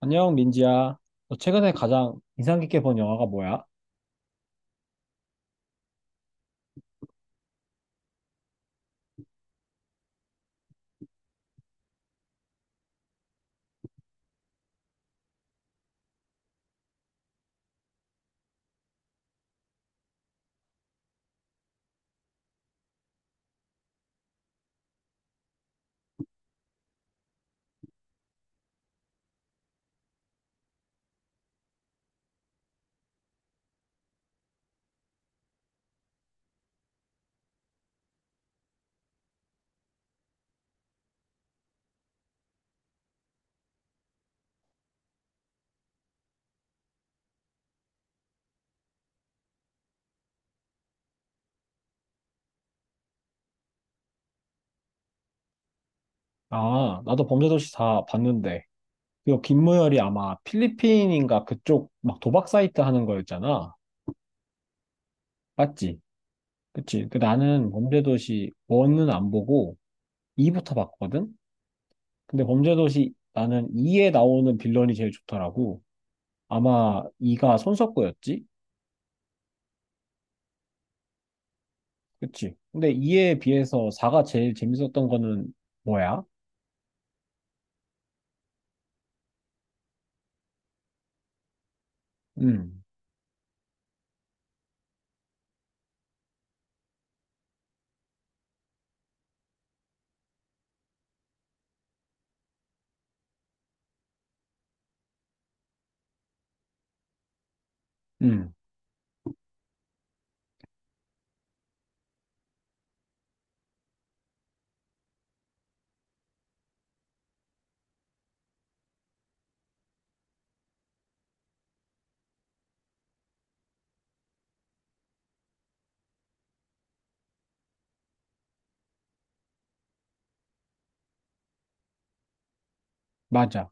안녕, 민지야. 너 최근에 가장 인상 깊게 본 영화가 뭐야? 아, 나도 범죄도시 다 봤는데. 이거 김무열이 아마 필리핀인가 그쪽 막 도박 사이트 하는 거였잖아. 맞지? 그치. 그 나는 범죄도시 1은 안 보고 2부터 봤거든? 근데 범죄도시 나는 2에 나오는 빌런이 제일 좋더라고. 아마 2가 손석구였지? 그치. 근데 2에 비해서 4가 제일 재밌었던 거는 뭐야? 응, 응, 맞아.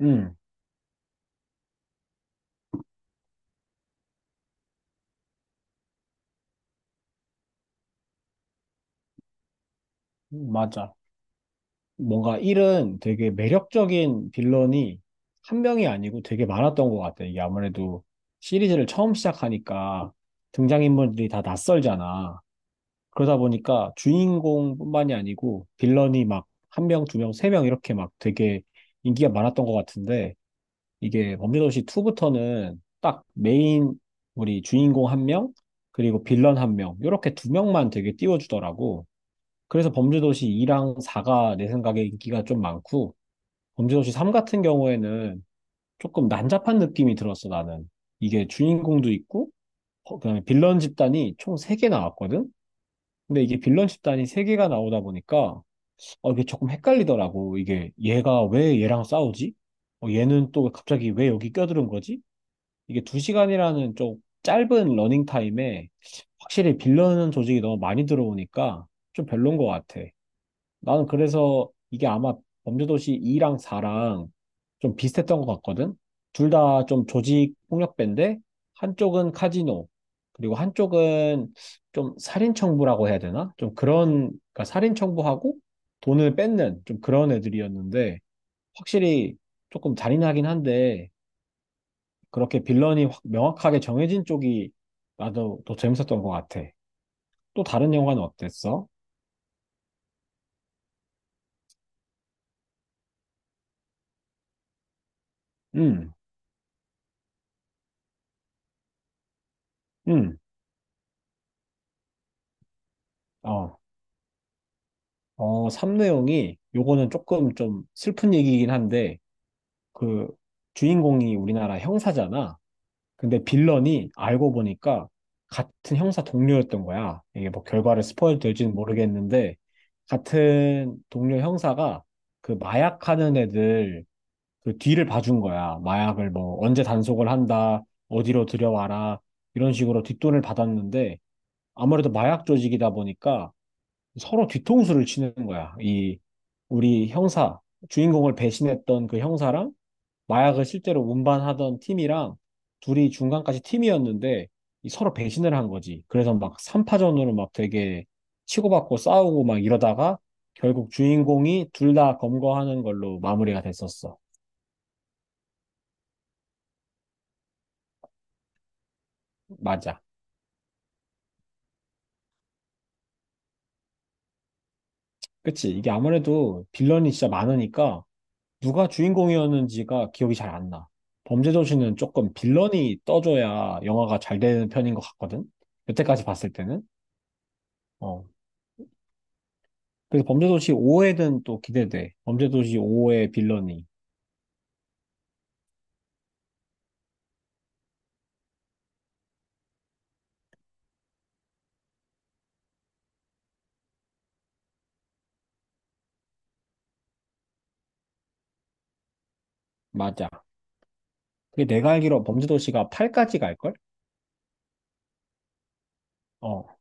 응, 맞아. 뭔가 1은 되게 매력적인 빌런이 한 명이 아니고 되게 많았던 것 같아. 이게 아무래도 시리즈를 처음 시작하니까 등장인물들이 다 낯설잖아. 그러다 보니까 주인공뿐만이 아니고 빌런이 막 한 명, 두 명, 세 명 이렇게 막 되게 인기가 많았던 것 같은데, 이게 범죄도시 2부터는 딱 메인 우리 주인공 한 명, 그리고 빌런 한 명, 이렇게 두 명만 되게 띄워주더라고. 그래서 범죄도시 2랑 4가 내 생각에 인기가 좀 많고, 범죄도시 3 같은 경우에는 조금 난잡한 느낌이 들었어, 나는. 이게 주인공도 있고, 어, 그다음에 빌런 집단이 총 3개 나왔거든? 근데 이게 빌런 집단이 3개가 나오다 보니까, 어, 이게 조금 헷갈리더라고. 이게 얘가 왜 얘랑 싸우지? 어, 얘는 또 갑자기 왜 여기 껴들은 거지? 이게 2시간이라는 좀 짧은 러닝 타임에 확실히 빌런 조직이 너무 많이 들어오니까 좀 별론 것 같아. 나는 그래서 이게 아마 범죄도시 2랑 4랑 좀 비슷했던 것 같거든? 둘 다 좀 조직 폭력배인데, 한쪽은 카지노, 그리고 한쪽은 좀 살인청부라고 해야 되나? 좀 그런, 그러니까 살인청부하고 돈을 뺏는 좀 그런 애들이었는데, 확실히 조금 잔인하긴 한데, 그렇게 빌런이 확 명확하게 정해진 쪽이 나도 더 재밌었던 것 같아. 또 다른 영화는 어땠어? 음, 음, 어. 어, 3내용이 요거는 조금 좀 슬픈 얘기긴 한데, 그 주인공이 우리나라 형사잖아. 근데 빌런이 알고 보니까 같은 형사 동료였던 거야. 이게 뭐 결과를 스포일 될지는 모르겠는데 같은 동료 형사가 그 마약하는 애들 그 뒤를 봐준 거야. 마약을 뭐 언제 단속을 한다, 어디로 들여와라 이런 식으로 뒷돈을 받았는데 아무래도 마약 조직이다 보니까 서로 뒤통수를 치는 거야. 이 우리 형사, 주인공을 배신했던 그 형사랑 마약을 실제로 운반하던 팀이랑 둘이 중간까지 팀이었는데 이 서로 배신을 한 거지. 그래서 막 3파전으로 막 되게 치고받고 싸우고 막 이러다가 결국 주인공이 둘 다 검거하는 걸로 마무리가 됐었어. 맞아. 그치? 이게 아무래도 빌런이 진짜 많으니까 누가 주인공이었는지가 기억이 잘 안 나. 범죄도시는 조금 빌런이 떠줘야 영화가 잘 되는 편인 것 같거든? 여태까지 봤을 때는. 어. 그래서 범죄도시 5회는 또 기대돼. 범죄도시 5의 빌런이. 맞아. 그게 내가 알기로 범죄도시가 8까지 갈걸? 어.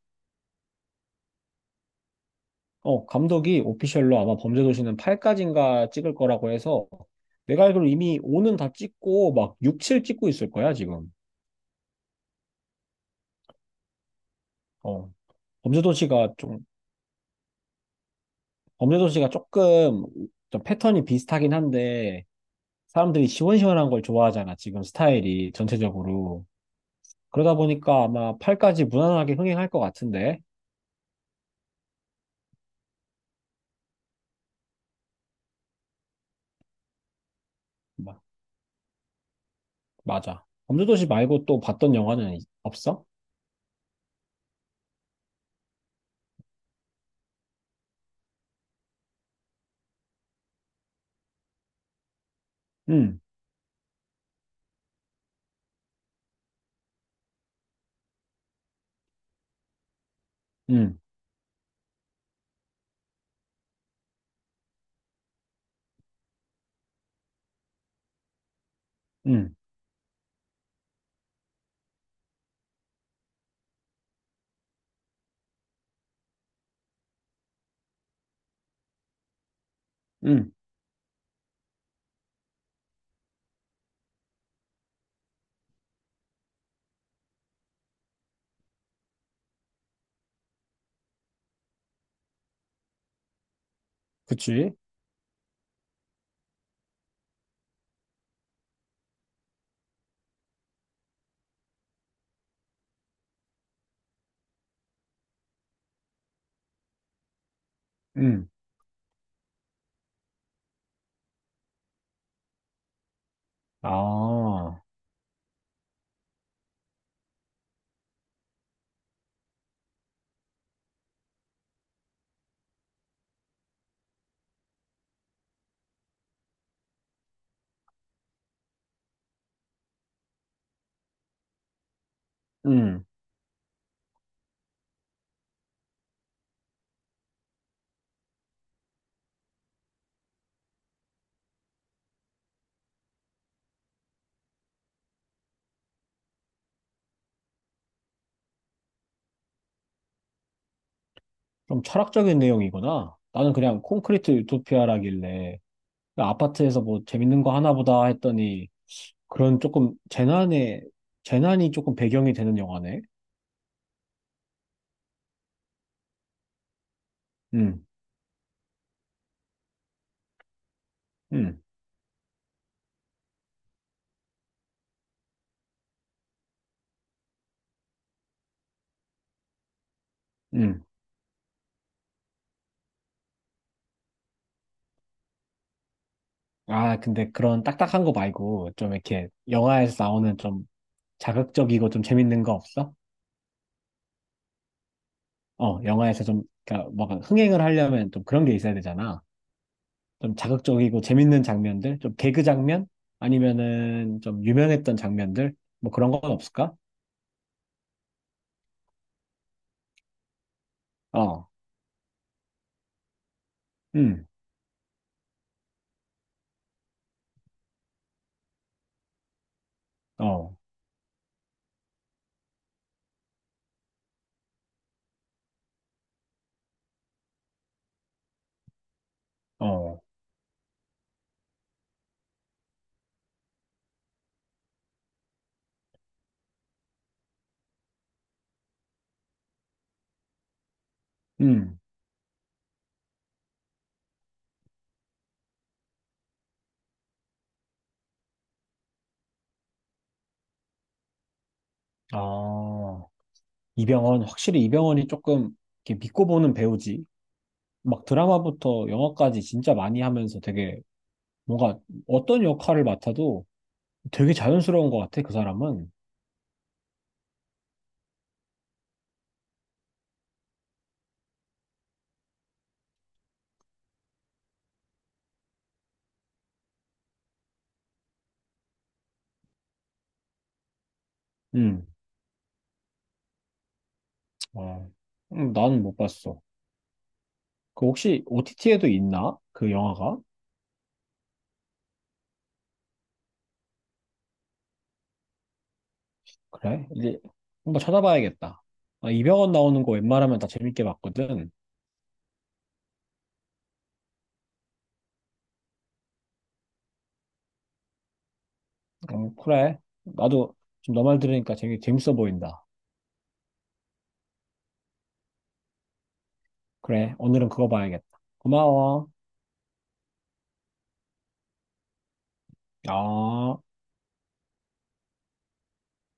어, 감독이 오피셜로 아마 범죄도시는 8까지인가 찍을 거라고 해서 내가 알기로 이미 5는 다 찍고 막 6, 7 찍고 있을 거야, 지금. 어. 범죄도시가 좀 범죄도시가 조금 좀 패턴이 비슷하긴 한데 사람들이 시원시원한 걸 좋아하잖아. 지금 스타일이 전체적으로. 그러다 보니까 아마 팔까지 무난하게 흥행할 것 같은데. 마- 맞아. 범죄도시 말고 또 봤던 영화는 없어? 응, 응, 응, 응. 그치? 응. 아, 응. 좀 철학적인 내용이구나. 나는 그냥 콘크리트 유토피아라길래 그 아파트에서 뭐 재밌는 거 하나 보다 했더니 그런 조금 재난의 재난이 조금 배경이 되는 영화네. 음, 음, 음. 아, 근데 그런 딱딱한 거 말고 좀 이렇게 영화에서 나오는 좀 자극적이고 좀 재밌는 거 없어? 어, 영화에서 좀 그러니까 뭔가 흥행을 하려면 좀 그런 게 있어야 되잖아. 좀 자극적이고 재밌는 장면들, 좀 개그 장면 아니면은 좀 유명했던 장면들 뭐 그런 건 없을까? 어, 음, 어, 어, 음, 아. 이병헌, 확실히 이병헌이 조금 이렇게 믿고 보는 배우지. 막 드라마부터 영화까지 진짜 많이 하면서 되게 뭔가 어떤 역할을 맡아도 되게 자연스러운 것 같아, 그 사람은. 음, 어, 나는 못 봤어. 그 혹시 OTT에도 있나? 그 영화가? 그래? 이제 한번 찾아봐야겠다. 아, 이병헌 나오는 거 웬만하면 다 재밌게 봤거든. 그래. 나도 지금 너 말 들으니까 재밌어 보인다. 그래. 오늘은 그거 봐야겠다. 고마워. 아.